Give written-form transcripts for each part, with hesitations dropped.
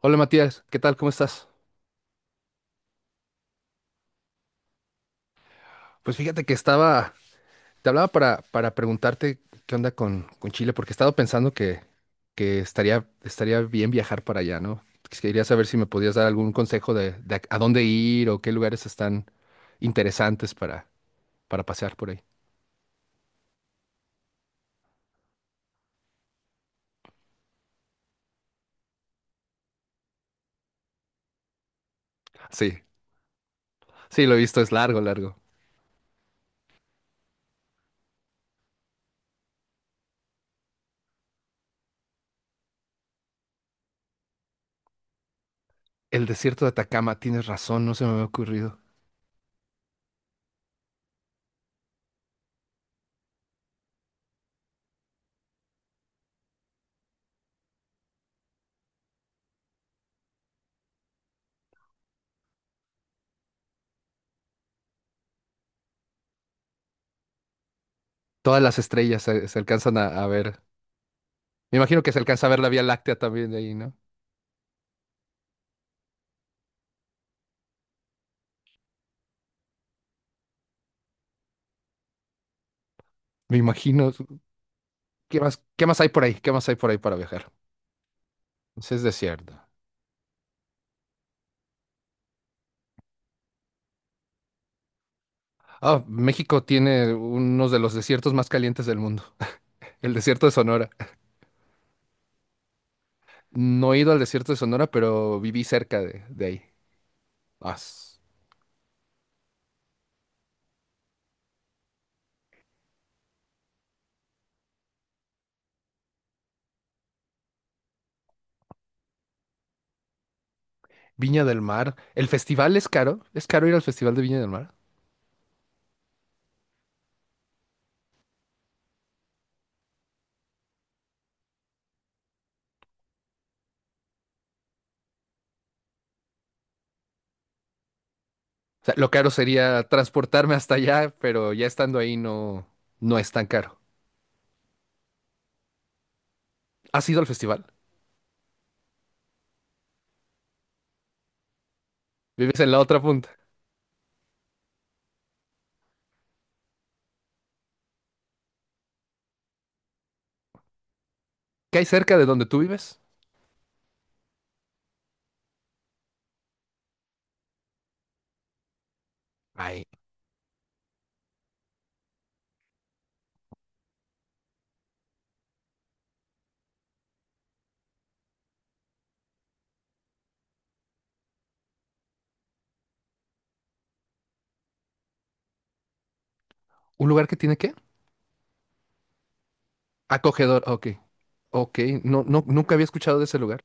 Hola Matías, ¿qué tal? ¿Cómo estás? Pues fíjate que estaba, te hablaba para preguntarte qué onda con Chile, porque he estado pensando que estaría bien viajar para allá, ¿no? Quería saber si me podías dar algún consejo de a dónde ir o qué lugares están interesantes para pasear por ahí. Sí, sí, lo he visto, es largo, largo. El desierto de Atacama, tienes razón, no se me había ocurrido. Todas las estrellas se alcanzan a ver. Me imagino que se alcanza a ver la Vía Láctea también de ahí, ¿no? Me imagino. Qué más hay por ahí? ¿Qué más hay por ahí para viajar? Ese es desierto. Ah, México tiene unos de los desiertos más calientes del mundo, el desierto de Sonora. No he ido al desierto de Sonora, pero viví cerca de ahí. Ah, s- Viña del Mar. ¿El festival es caro? ¿Es caro ir al festival de Viña del Mar? O sea, lo caro sería transportarme hasta allá, pero ya estando ahí no, no es tan caro. ¿Has ido al festival? ¿Vives en la otra punta? ¿Qué hay cerca de donde tú vives? Hay un lugar que tiene ¿qué? Acogedor, ok. Ok, no, no, nunca había escuchado de ese lugar.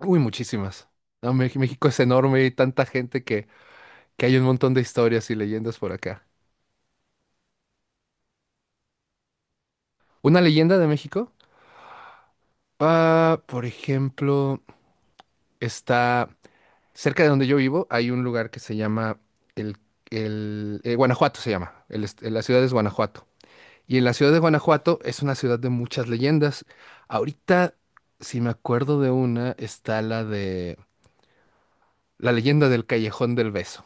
Uy, muchísimas. No, México es enorme y tanta gente que hay un montón de historias y leyendas por acá. ¿Una leyenda de México? Ah, por ejemplo, está cerca de donde yo vivo, hay un lugar que se llama el, el Guanajuato se llama. La ciudad es Guanajuato. Y en la ciudad de Guanajuato es una ciudad de muchas leyendas. Ahorita, si me acuerdo de una, está la de la leyenda del Callejón del Beso.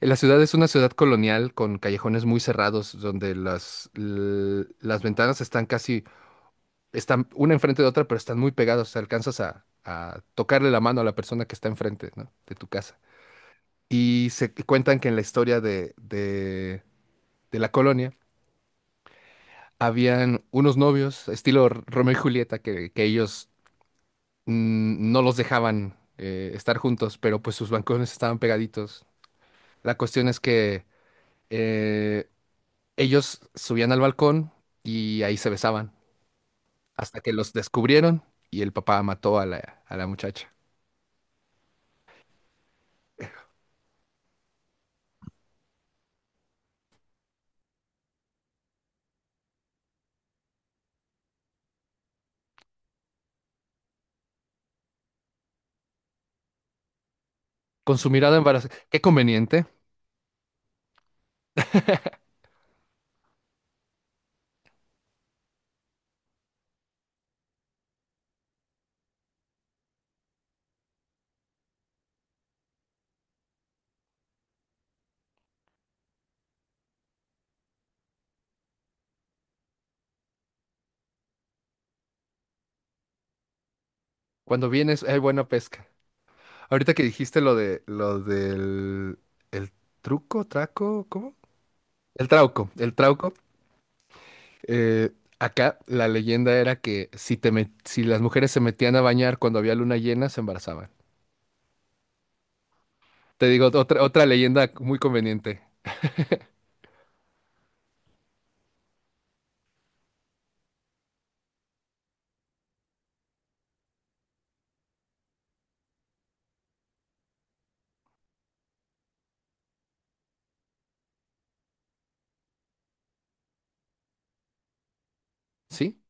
La ciudad es una ciudad colonial con callejones muy cerrados donde las ventanas están casi, están una enfrente de otra, pero están muy pegadas. O sea, alcanzas a tocarle la mano a la persona que está enfrente, ¿no?, de tu casa. Y se cuentan que en la historia de la colonia habían unos novios, estilo Romeo y Julieta, que ellos no los dejaban estar juntos, pero pues sus balcones estaban pegaditos. La cuestión es que eh, ellos subían al balcón y ahí se besaban, hasta que los descubrieron y el papá mató a la muchacha. Con su mirada embarazada. Qué conveniente. Cuando vienes hay buena pesca. Ahorita que dijiste lo de lo del el truco, traco, ¿cómo? El trauco, el trauco. Eh, acá la leyenda era que si las mujeres se metían a bañar cuando había luna llena, se embarazaban. Te digo otra leyenda muy conveniente. ¿Sí?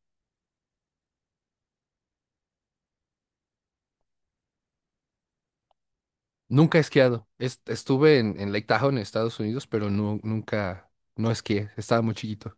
Nunca he esquiado. Estuve en Lake Tahoe, en Estados Unidos, pero no, nunca, no esquié. Estaba muy chiquito.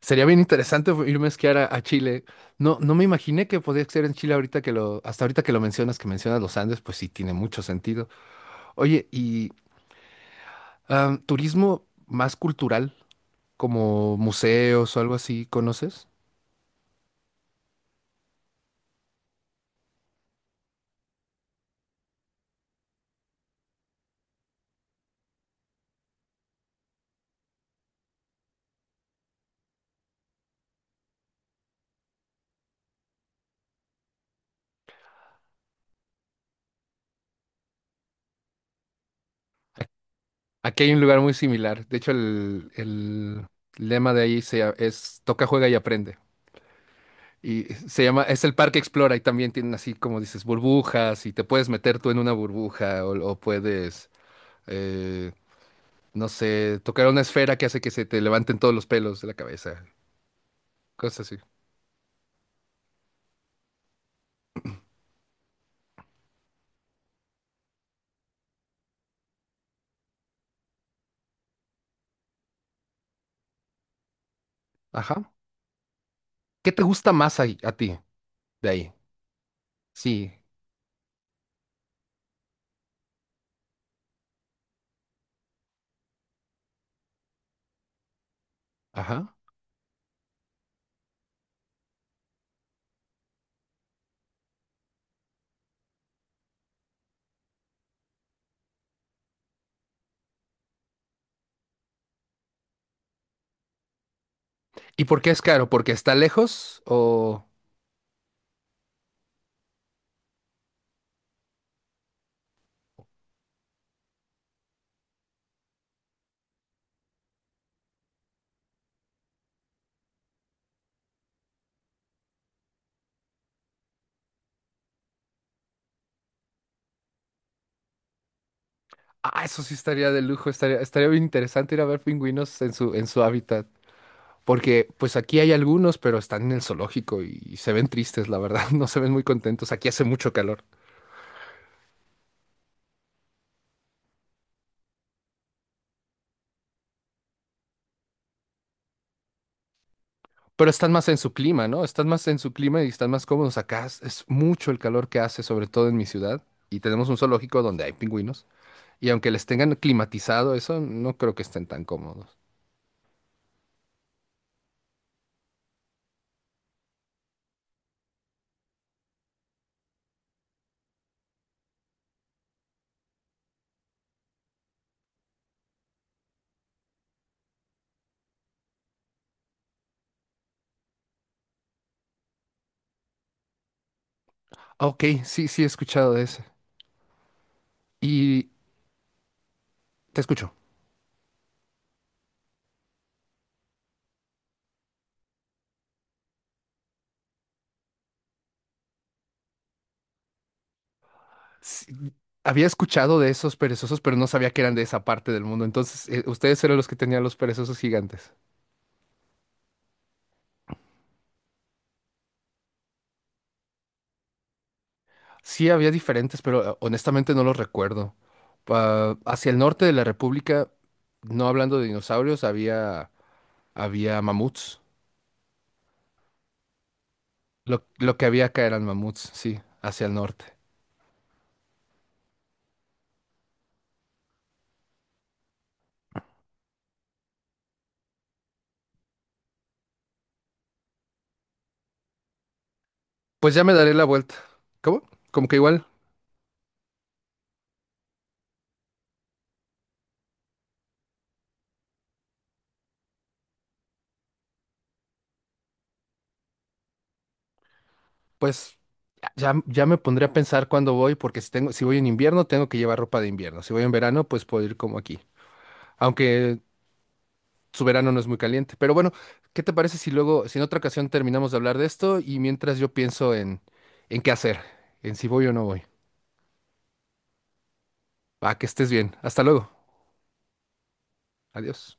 Sería bien interesante irme a esquiar a Chile. No, no me imaginé que podía ser en Chile ahorita que lo, hasta ahorita que lo mencionas, que mencionas los Andes, pues sí, tiene mucho sentido. Oye, y ah, turismo más cultural, como museos o algo así, ¿conoces? Aquí hay un lugar muy similar. De hecho, el lema de ahí es toca, juega y aprende. Y se llama, es el Parque Explora y también tienen así como dices burbujas y te puedes meter tú en una burbuja o puedes, eh, no sé, tocar una esfera que hace que se te levanten todos los pelos de la cabeza, cosas así. Ajá. ¿Qué te gusta más ahí a ti de ahí? Sí. Ajá. ¿Y por qué es caro? ¿Porque está lejos o...? Ah, eso sí estaría de lujo, estaría, estaría bien interesante ir a ver pingüinos en su hábitat. Porque pues aquí hay algunos, pero están en el zoológico y se ven tristes, la verdad, no se ven muy contentos. Aquí hace mucho calor, pero están más en su clima, ¿no? Están más en su clima y están más cómodos. Acá es mucho el calor que hace, sobre todo en mi ciudad. Y tenemos un zoológico donde hay pingüinos. Y aunque les tengan climatizado eso, no creo que estén tan cómodos. Ah, ok, sí, sí, he escuchado de ese. Y te escucho. Sí, había escuchado de esos perezosos, pero no sabía que eran de esa parte del mundo. Entonces, ustedes eran los que tenían los perezosos gigantes. Sí, había diferentes, pero honestamente no los recuerdo. Hacia el norte de la República, no hablando de dinosaurios, había, había mamuts. Lo que había acá eran mamuts, sí, hacia el norte. Pues ya me daré la vuelta. ¿Cómo? Como que igual, pues ya me pondré a pensar cuándo voy, porque si tengo, si voy en invierno, tengo que llevar ropa de invierno. Si voy en verano, pues puedo ir como aquí. Aunque su verano no es muy caliente. Pero bueno, ¿qué te parece si luego, si en otra ocasión terminamos de hablar de esto y mientras yo pienso en qué hacer, en si voy o no voy? Va, que estés bien. Hasta luego. Adiós.